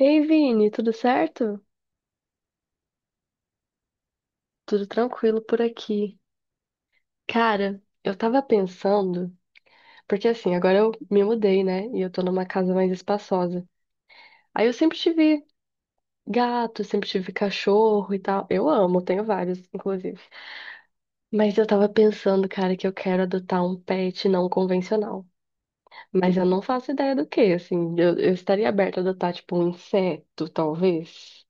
Ei, Vini, tudo certo? Tudo tranquilo por aqui. Cara, eu tava pensando, porque assim, agora eu me mudei, né? E eu tô numa casa mais espaçosa. Aí eu sempre tive gato, sempre tive cachorro e tal. Eu amo, tenho vários, inclusive. Mas eu tava pensando, cara, que eu quero adotar um pet não convencional. Mas eu não faço ideia do que, assim. Eu estaria aberta a adotar, tipo, um inseto, talvez.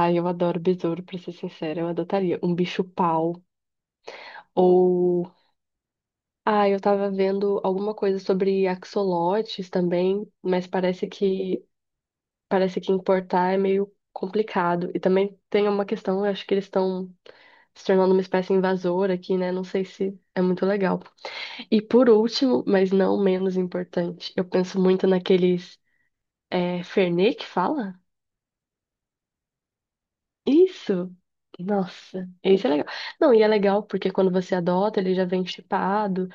Ai, eu adoro besouro, pra ser sincera. Eu adotaria um bicho-pau. Ou Ah, eu tava vendo alguma coisa sobre axolotes também, mas parece que importar é meio complicado. E também tem uma questão, eu acho que eles estão se tornando uma espécie invasora aqui, né? Não sei se é muito legal. E por último, mas não menos importante, eu penso muito naqueles Fernet que fala? Isso! Nossa, esse é legal. Não, e é legal porque quando você adota, ele já vem chipado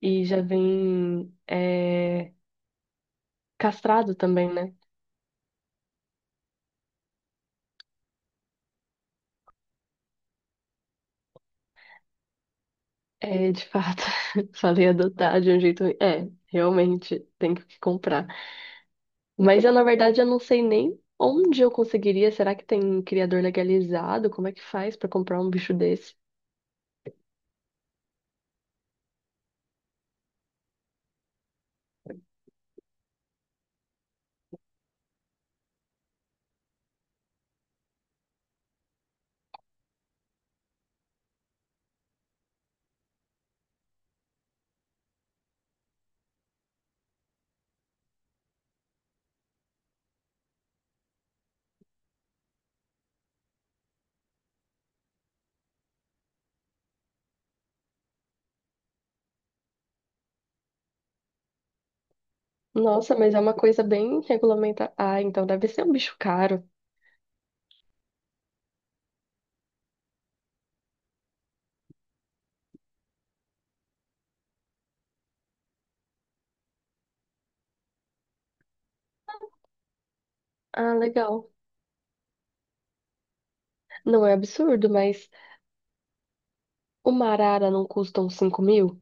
e já vem. Castrado também, né? É, de fato, falei adotar de um jeito. É, realmente, tem que comprar. Mas eu, na verdade, eu não sei nem onde eu conseguiria. Será que tem criador legalizado? Como é que faz pra comprar um bicho desse? Nossa, mas é uma coisa bem regulamentada. Ah, então deve ser um bicho caro. Ah, legal. Não é absurdo, mas uma arara não custa uns 5.000?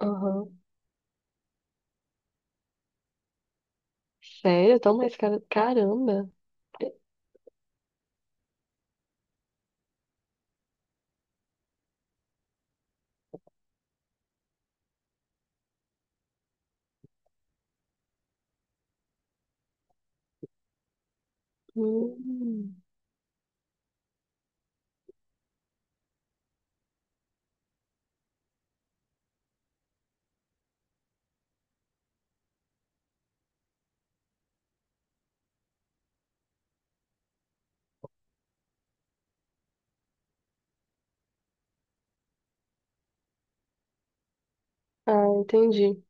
Aham. Sério? Tão mais caro? Caramba. Hum. Ah, entendi.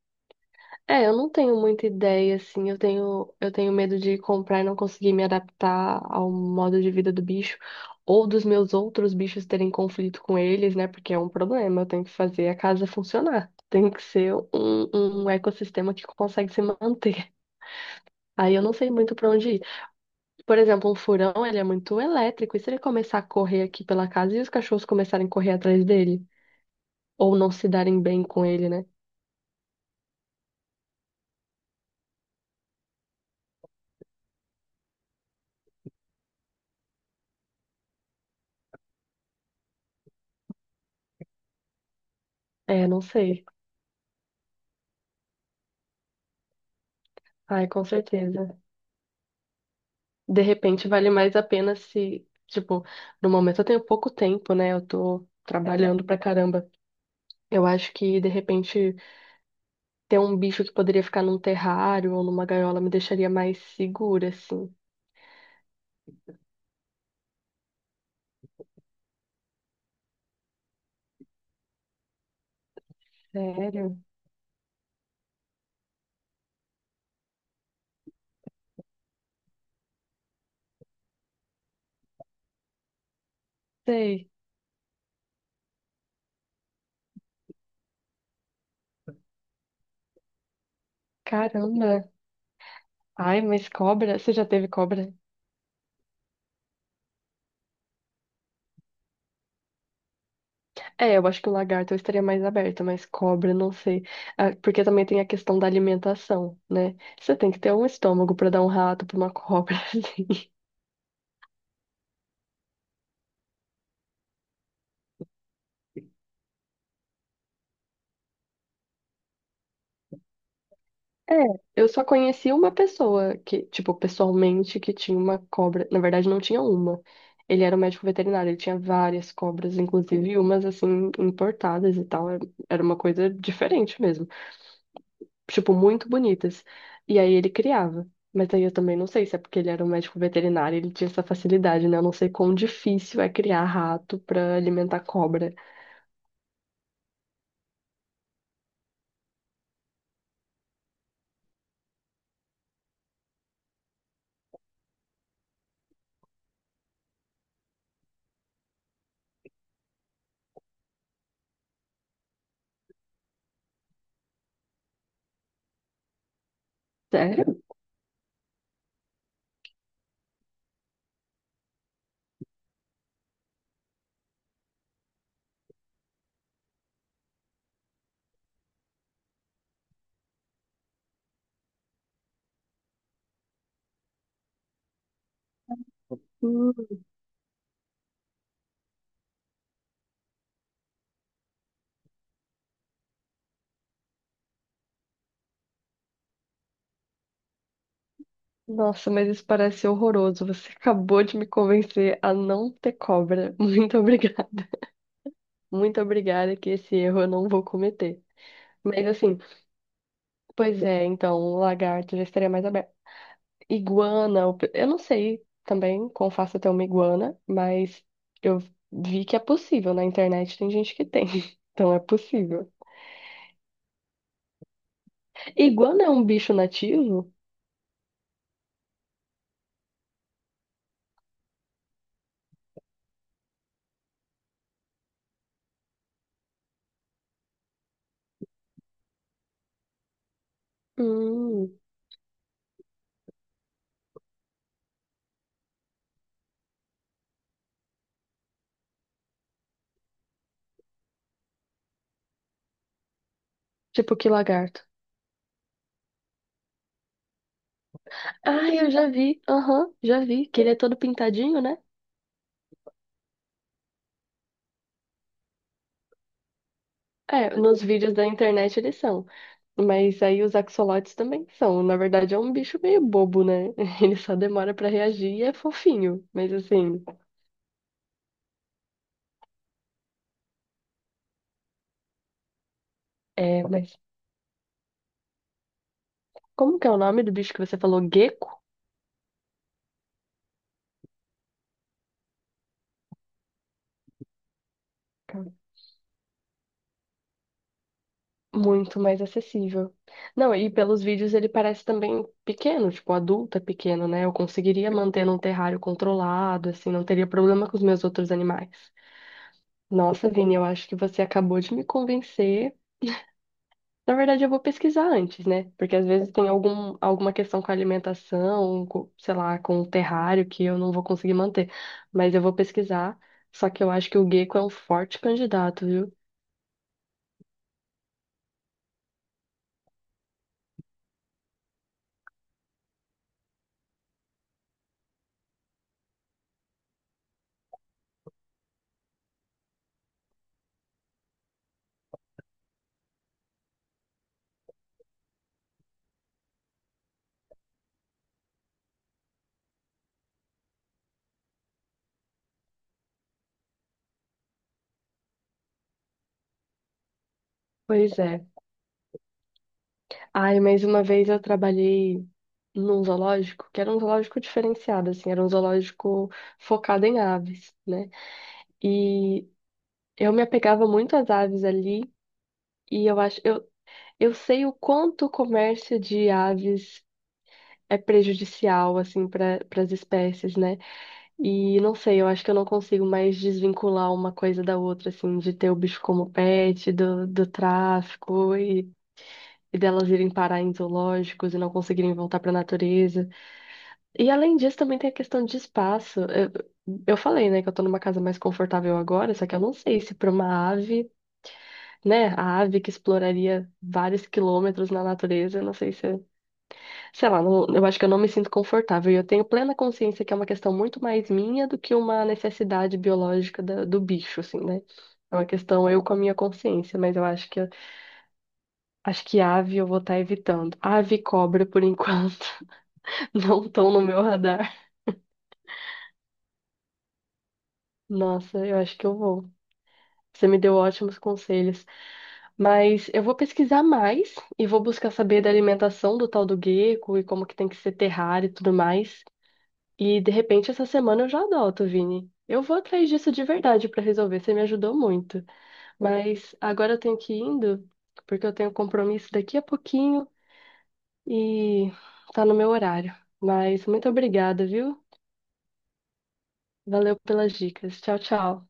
É, eu não tenho muita ideia, assim. Eu tenho medo de comprar e não conseguir me adaptar ao modo de vida do bicho, ou dos meus outros bichos terem conflito com eles, né? Porque é um problema. Eu tenho que fazer a casa funcionar. Tem que ser um ecossistema que consegue se manter. Aí eu não sei muito pra onde ir. Por exemplo, um furão, ele é muito elétrico. E se ele começar a correr aqui pela casa e os cachorros começarem a correr atrás dele? Ou não se darem bem com ele, né? É, não sei. Ai, com certeza. De repente vale mais a pena se, tipo, no momento eu tenho pouco tempo, né? Eu tô trabalhando pra caramba. Eu acho que de repente ter um bicho que poderia ficar num terrário ou numa gaiola me deixaria mais segura, assim. Sério? Sei. Caramba. Ai, mas cobra? Você já teve cobra? É, eu acho que o lagarto eu estaria mais aberta, mas cobra, não sei. Ah, porque também tem a questão da alimentação, né? Você tem que ter um estômago pra dar um rato pra uma cobra, assim. É, eu só conheci uma pessoa que, tipo, pessoalmente, que tinha uma cobra. Na verdade, não tinha uma. Ele era um médico veterinário, ele tinha várias cobras, inclusive umas, assim, importadas e tal. Era uma coisa diferente mesmo. Tipo, muito bonitas. E aí ele criava. Mas aí eu também não sei se é porque ele era um médico veterinário, ele tinha essa facilidade, né? Eu não sei quão difícil é criar rato pra alimentar cobra. Sério? Nossa, mas isso parece horroroso. Você acabou de me convencer a não ter cobra. Muito obrigada. Muito obrigada que esse erro eu não vou cometer. Mas assim, pois é, então, lagarto já estaria mais aberto. Iguana, eu não sei também como faço até uma iguana, mas eu vi que é possível. Na internet tem gente que tem. Então é possível. Iguana é um bicho nativo? Hum, tipo que lagarto. Ah, eu já vi. Aham, já vi. Que ele é todo pintadinho, né? É, nos vídeos da internet eles são. Mas aí os axolotes também são. Na verdade, é um bicho meio bobo, né? Ele só demora pra reagir e é fofinho. Mas assim, mas como que é o nome do bicho que você falou? Gecko? Muito mais acessível. Não, e pelos vídeos ele parece também pequeno, tipo, adulto é pequeno, né? Eu conseguiria manter num terrário controlado, assim, não teria problema com os meus outros animais. Nossa, Vini, eu acho que você acabou de me convencer. Na verdade, eu vou pesquisar antes, né? Porque às vezes tem alguma questão com a alimentação, com, sei lá, com o terrário que eu não vou conseguir manter. Mas eu vou pesquisar. Só que eu acho que o gecko é um forte candidato, viu? Pois é. Ai, mas uma vez eu trabalhei num zoológico, que era um zoológico diferenciado, assim, era um zoológico focado em aves, né? E eu me apegava muito às aves ali, e eu sei o quanto o comércio de aves é prejudicial, assim, para as espécies, né? E não sei, eu acho que eu não consigo mais desvincular uma coisa da outra, assim, de ter o bicho como pet, do tráfico e delas irem parar em zoológicos e não conseguirem voltar para a natureza. E além disso, também tem a questão de espaço. Eu falei, né, que eu tô numa casa mais confortável agora, só que eu não sei se para uma ave, né, a ave que exploraria vários quilômetros na natureza, eu não sei se é. Sei lá, eu acho que eu não me sinto confortável. E eu tenho plena consciência que é uma questão muito mais minha do que uma necessidade biológica do bicho, assim, né? É uma questão eu com a minha consciência, mas eu acho que ave eu vou estar evitando. Ave e cobra, por enquanto, não estão no meu radar. Nossa, eu acho que eu vou. Você me deu ótimos conselhos. Mas eu vou pesquisar mais e vou buscar saber da alimentação do tal do gecko e como que tem que ser terrário e tudo mais. E de repente essa semana eu já adoto, Vini. Eu vou atrás disso de verdade pra resolver, você me ajudou muito. Mas agora eu tenho que ir indo, porque eu tenho um compromisso daqui a pouquinho e tá no meu horário. Mas muito obrigada, viu? Valeu pelas dicas. Tchau, tchau.